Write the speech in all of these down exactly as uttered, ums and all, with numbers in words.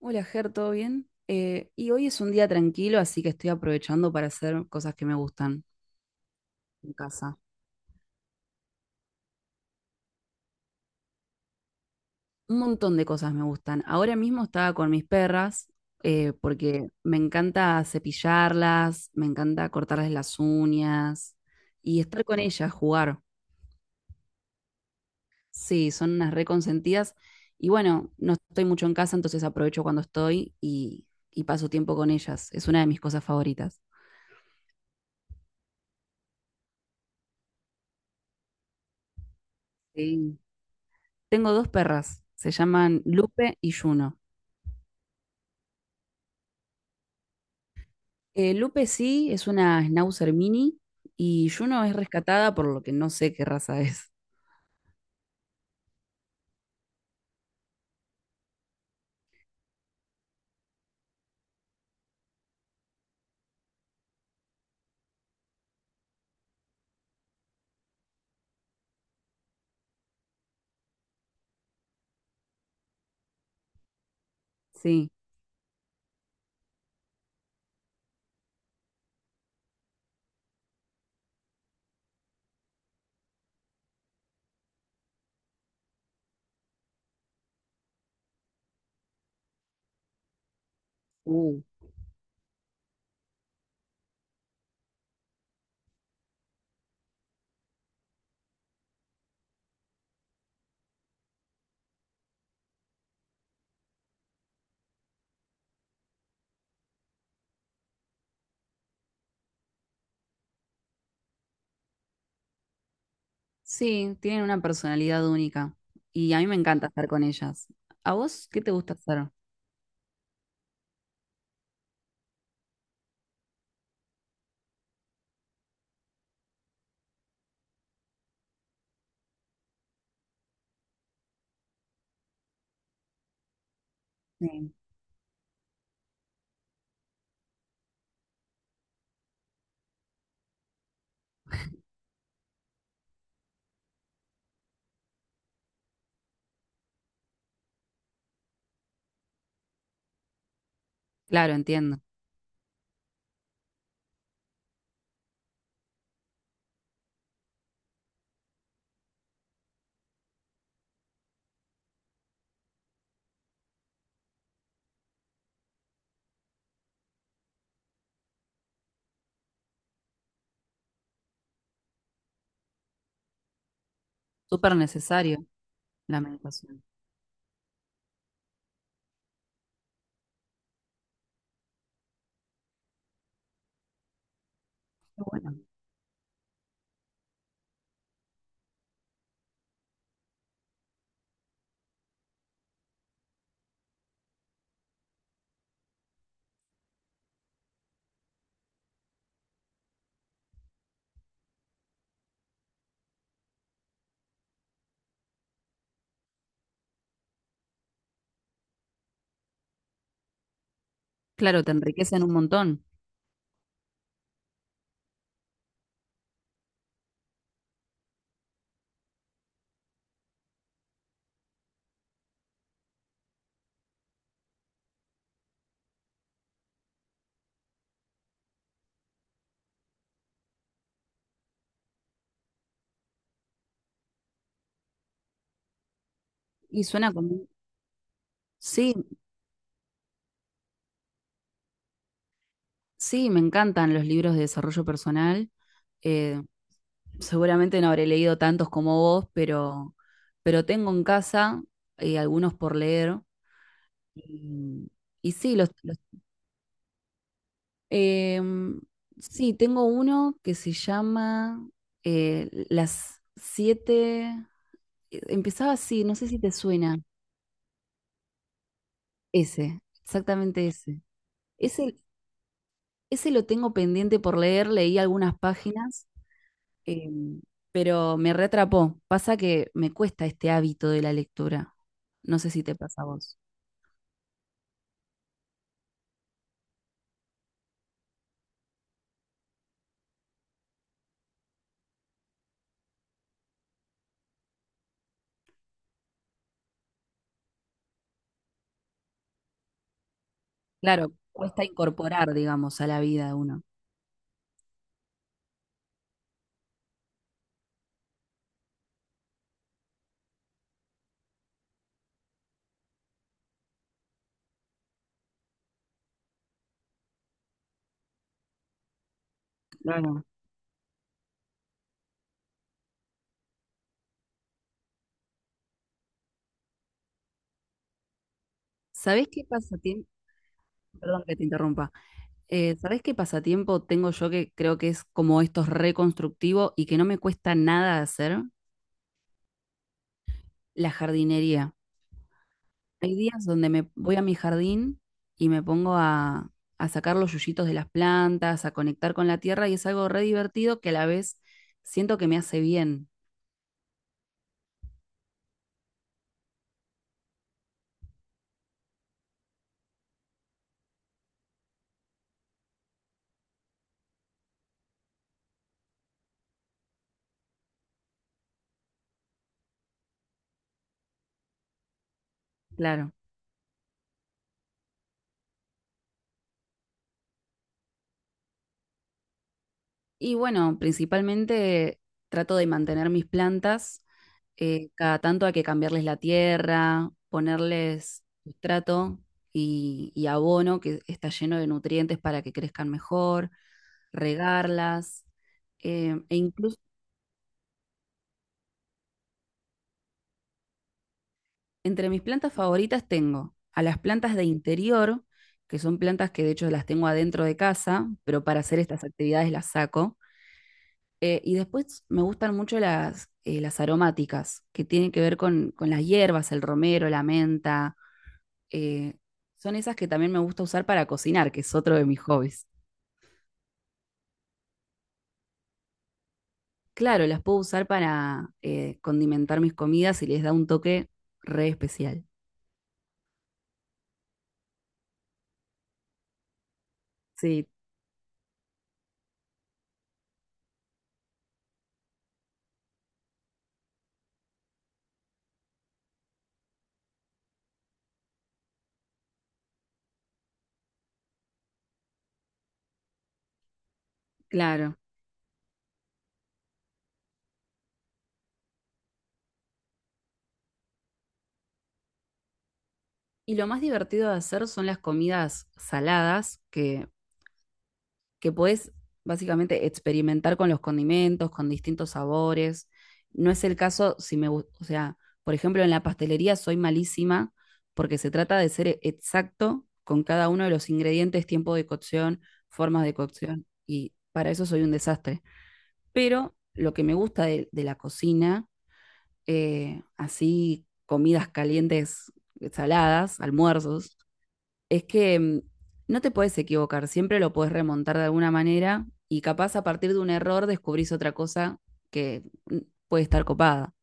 Hola, Ger, ¿todo bien? Eh, y hoy es un día tranquilo, así que estoy aprovechando para hacer cosas que me gustan en casa. Un montón de cosas me gustan. Ahora mismo estaba con mis perras, eh, porque me encanta cepillarlas, me encanta cortarles las uñas y estar con ellas, jugar. Sí, son unas reconsentidas. Y bueno, no estoy mucho en casa, entonces aprovecho cuando estoy y, y paso tiempo con ellas. Es una de mis cosas favoritas. Sí. Tengo dos perras, se llaman Lupe y Juno. Eh, Lupe sí es una Schnauzer mini y Juno es rescatada por lo que no sé qué raza es. Sí. Uh. Sí, tienen una personalidad única y a mí me encanta estar con ellas. ¿A vos qué te gusta hacer? Sí. Claro, entiendo. Súper necesario la meditación. Qué bueno, claro, te enriquecen un montón. Y suena como... Sí, sí, me encantan los libros de desarrollo personal. Eh, Seguramente no habré leído tantos como vos, pero, pero tengo en casa eh, algunos por leer. Y, y sí, los, los- em, sí, tengo uno que se llama eh, Las siete. eh, Empezaba así, no sé si te suena. Ese, exactamente ese. Ese, ese lo tengo pendiente por leer, leí algunas páginas, em, pero me reatrapó. Pasa que me cuesta este hábito de la lectura. No sé si te pasa a vos. Claro, cuesta incorporar, digamos, a la vida de uno. Claro. ¿Sabés qué pasatiempo? Perdón que te interrumpa. Eh, ¿sabés qué pasatiempo tengo yo que creo que es como estos es reconstructivo y que no me cuesta nada hacer? La jardinería. Hay días donde me voy a mi jardín y me pongo a, a sacar los yuyitos de las plantas, a conectar con la tierra y es algo re divertido que a la vez siento que me hace bien. Claro. Y bueno, principalmente trato de mantener mis plantas, eh, cada tanto hay que cambiarles la tierra, ponerles sustrato y, y abono que está lleno de nutrientes para que crezcan mejor, regarlas. Eh, e incluso entre mis plantas favoritas tengo a las plantas de interior, que son plantas que de hecho las tengo adentro de casa, pero para hacer estas actividades las saco. Eh, y después me gustan mucho las, eh, las aromáticas, que tienen que ver con, con las hierbas, el romero, la menta. eh, Son esas que también me gusta usar para cocinar, que es otro de mis hobbies. Claro, las puedo usar para eh, condimentar mis comidas y les da un toque re especial. Sí, claro. Y lo más divertido de hacer son las comidas saladas, que que puedes básicamente experimentar con los condimentos, con distintos sabores. No es el caso si me o sea, por ejemplo, en la pastelería soy malísima porque se trata de ser exacto con cada uno de los ingredientes, tiempo de cocción, formas de cocción, y para eso soy un desastre. Pero lo que me gusta de, de la cocina, eh, así comidas calientes, saladas, almuerzos, es que mm, no te puedes equivocar, siempre lo puedes remontar de alguna manera y capaz a partir de un error descubrís otra cosa que mm, puede estar copada.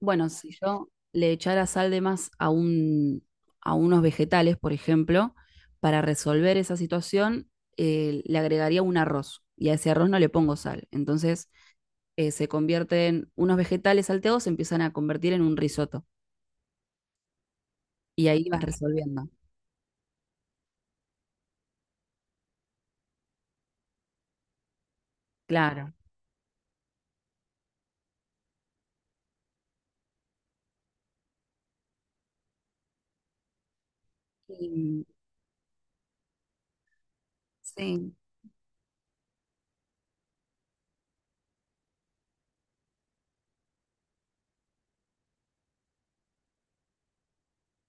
Bueno, si yo le echara sal de más a un, a unos vegetales, por ejemplo, para resolver esa situación, eh, le agregaría un arroz y a ese arroz no le pongo sal. Entonces eh, se convierten unos vegetales salteados, se empiezan a convertir en un risotto y ahí vas resolviendo. Claro. Y, mm, sí.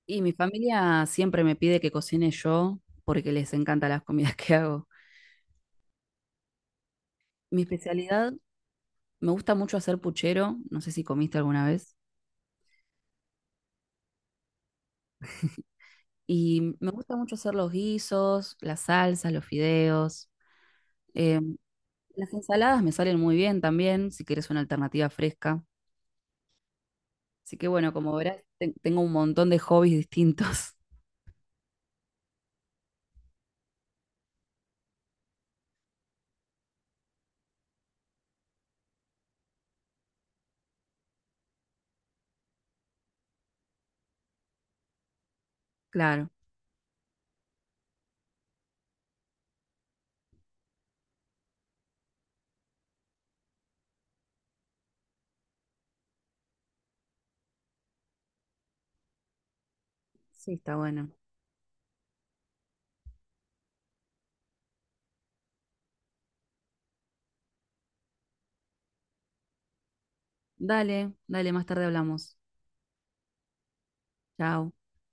Y mi familia siempre me pide que cocine yo porque les encantan las comidas que hago. Mi especialidad, me gusta mucho hacer puchero, no sé si comiste alguna vez, y me gusta mucho hacer los guisos, las salsas, los fideos. Eh, las ensaladas me salen muy bien también, si quieres una alternativa fresca. Así que bueno, como verás, ten- tengo un montón de hobbies distintos. Claro, sí, está bueno. Dale, dale, más tarde hablamos. Chao.